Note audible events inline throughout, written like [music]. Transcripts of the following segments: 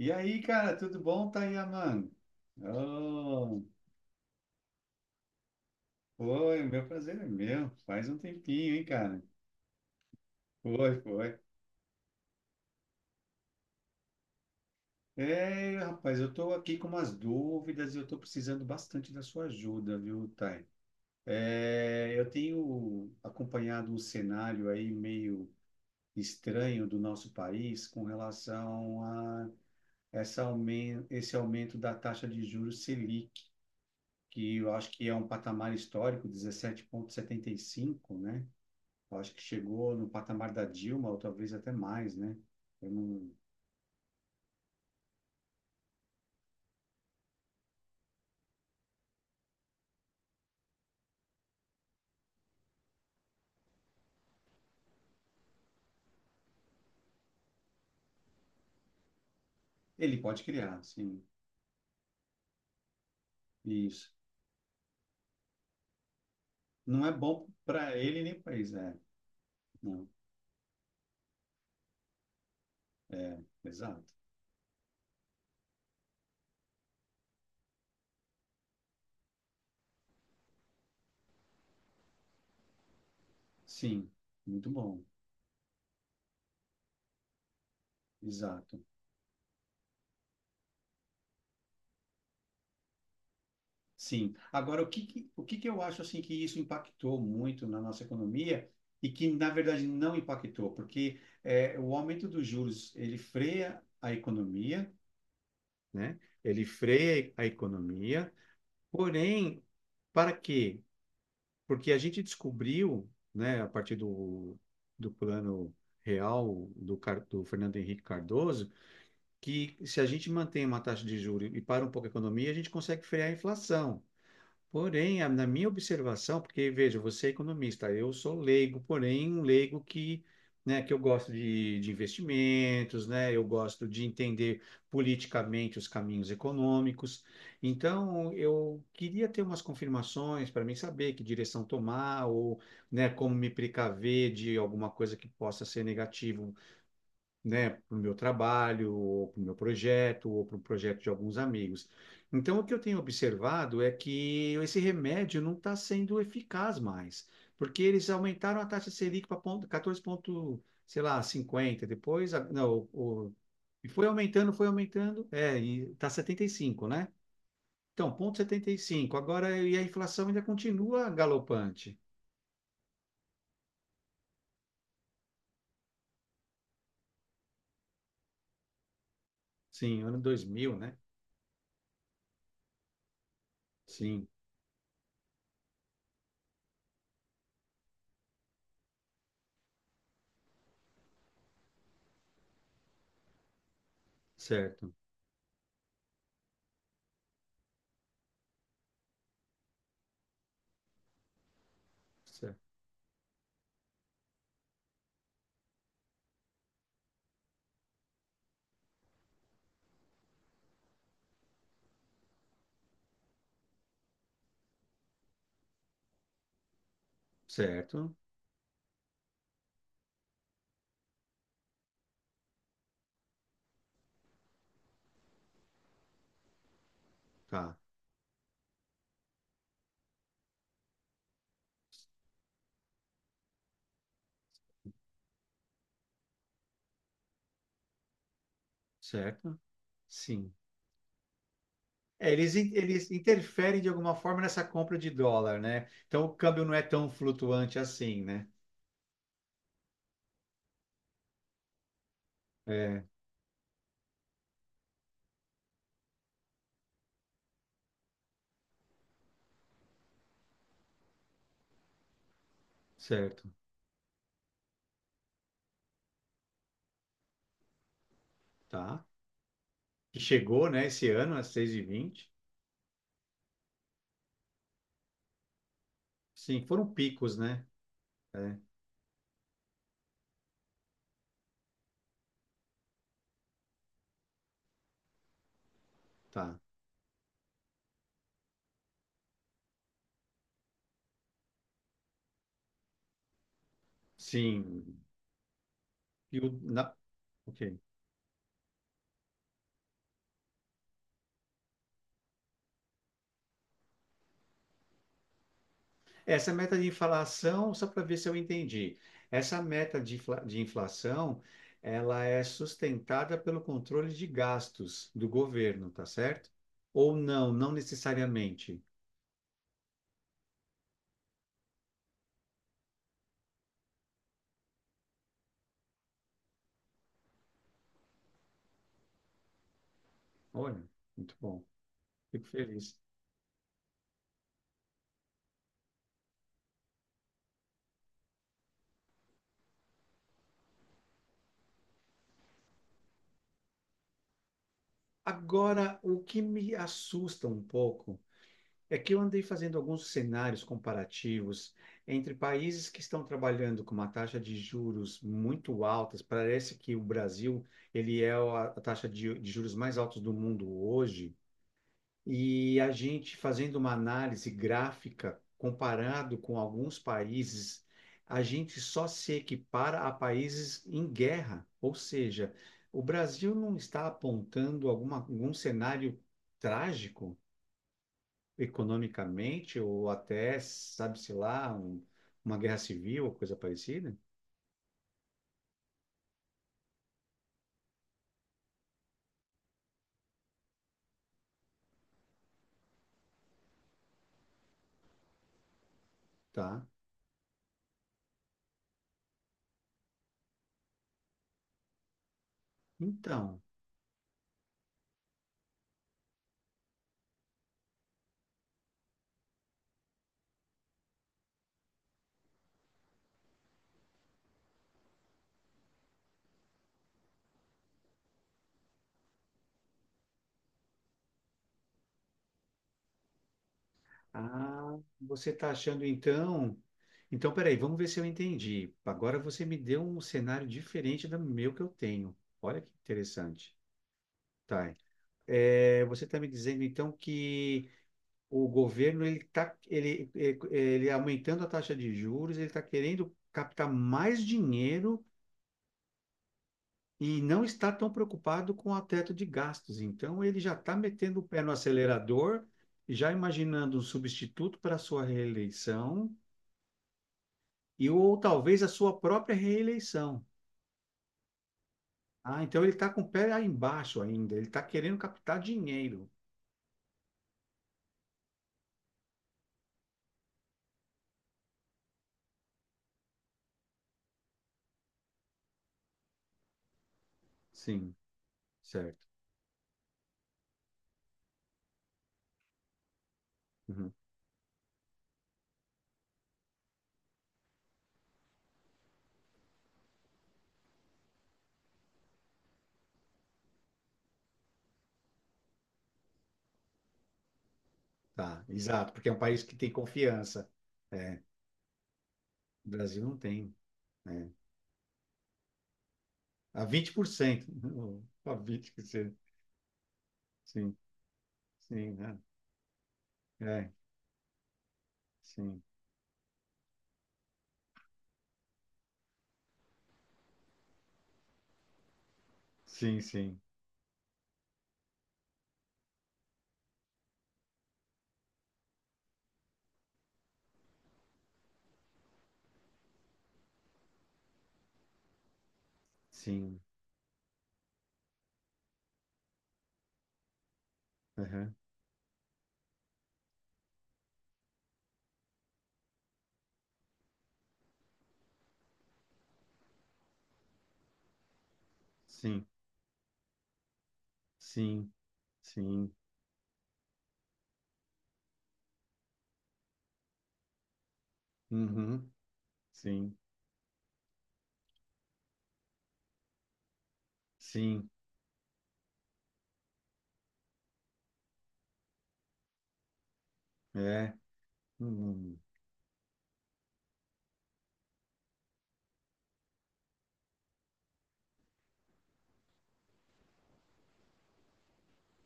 E aí, cara, tudo bom, Tayaman? Oh, foi, meu prazer é meu. Faz um tempinho, hein, cara? Foi, foi. Rapaz, eu tô aqui com umas dúvidas e eu tô precisando bastante da sua ajuda, viu, Thay? Eu tenho acompanhado um cenário aí meio estranho do nosso país com relação a essa esse aumento da taxa de juros Selic, que eu acho que é um patamar histórico, 17,75, né? Eu acho que chegou no patamar da Dilma, ou talvez até mais, né? Eu não- Ele pode criar, sim. Isso. Não é bom para ele nem para eles, é. Não. É, exato. Sim, muito bom. Exato. Sim. Agora, o que que eu acho assim que isso impactou muito na nossa economia e que, na verdade, não impactou, porque o aumento dos juros, ele freia a economia, né? Ele freia a economia, porém, para quê? Porque a gente descobriu, né, a partir do, do plano real do, do Fernando Henrique Cardoso, que se a gente mantém uma taxa de juros e para um pouco a economia, a gente consegue frear a inflação. Porém, na minha observação, porque veja, você é economista, eu sou leigo, porém um leigo que, né, que eu gosto de investimentos, né, eu gosto de entender politicamente os caminhos econômicos. Então, eu queria ter umas confirmações para mim saber que direção tomar ou, né, como me precaver de alguma coisa que possa ser negativa, né, para o meu trabalho, ou para o meu projeto, ou para o projeto de alguns amigos. Então, o que eu tenho observado é que esse remédio não está sendo eficaz mais, porque eles aumentaram a taxa Selic para 14 ponto, sei lá, 50, depois, a- não, o- e foi aumentando, é, e está 75, né? Então, ponto 75. Agora, e a inflação ainda continua galopante. Sim, ano 2000, né? Sim, certo, cer- certo, tá, certo. Sim. É, eles, eles interferem de alguma forma nessa compra de dólar, né? Então o câmbio não é tão flutuante assim, né? É, certo. Tá. Que chegou, né, esse ano a 6,20. Sim, foram picos, né? É, tá. Sim. E o, na, ok. Essa meta de inflação, só para ver se eu entendi. Essa meta de, de inflação, ela é sustentada pelo controle de gastos do governo, tá certo? Ou não, não necessariamente. Olha, muito bom. Fico feliz. Agora, o que me assusta um pouco é que eu andei fazendo alguns cenários comparativos entre países que estão trabalhando com uma taxa de juros muito altas. Parece que o Brasil, ele é a taxa de juros mais altos do mundo hoje. E a gente fazendo uma análise gráfica comparado com alguns países, a gente só se equipara a países em guerra, ou seja, o Brasil não está apontando alguma, algum cenário trágico economicamente ou até, sabe-se lá, uma guerra civil ou coisa parecida, tá? Então, ah, você está achando então. Então, peraí, vamos ver se eu entendi. Agora você me deu um cenário diferente do meu que eu tenho. Olha que interessante. Tá. É, você está me dizendo então que o governo ele tá ele, ele, ele aumentando a taxa de juros, ele está querendo captar mais dinheiro e não está tão preocupado com o teto de gastos. Então, ele já está metendo o pé no acelerador, já imaginando um substituto para a sua reeleição e ou talvez a sua própria reeleição. Ah, então ele está com o pé aí embaixo ainda, ele está querendo captar dinheiro. Sim, certo. Uhum. Tá, exato, porque é um país que tem confiança. É, o Brasil não tem. É. A 20%. [laughs] A 20%. Sim, sim, né? É, sim, sim, sim, sim. Aham. Sim, sim, sim. Uhum. Sim, sim. É. Uhum.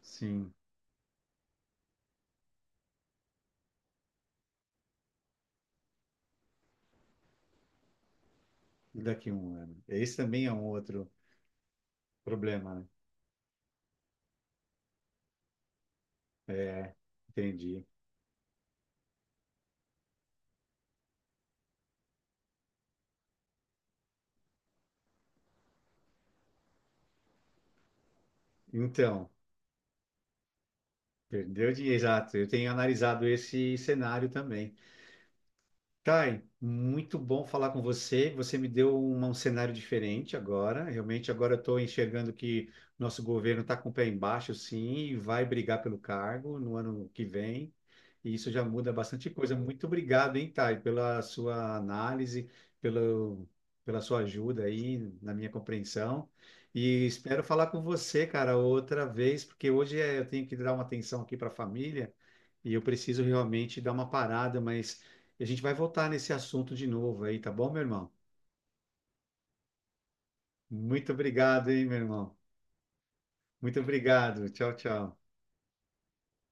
Sim. Daqui a um ano? Esse também é um outro problema, né? É, entendi. Então, perdeu dinheiro. Exato, eu tenho analisado esse cenário também. Thay, muito bom falar com você. Você me deu um cenário diferente agora. Realmente, agora eu estou enxergando que nosso governo está com o pé embaixo, sim, e vai brigar pelo cargo no ano que vem. E isso já muda bastante coisa. Muito obrigado, hein, Thay, pela sua análise, pelo, pela sua ajuda aí na minha compreensão. E espero falar com você, cara, outra vez, porque hoje eu tenho que dar uma atenção aqui para a família e eu preciso realmente dar uma parada, mas a gente vai voltar nesse assunto de novo aí, tá bom, meu irmão? Muito obrigado, hein, meu irmão? Muito obrigado. Tchau, tchau.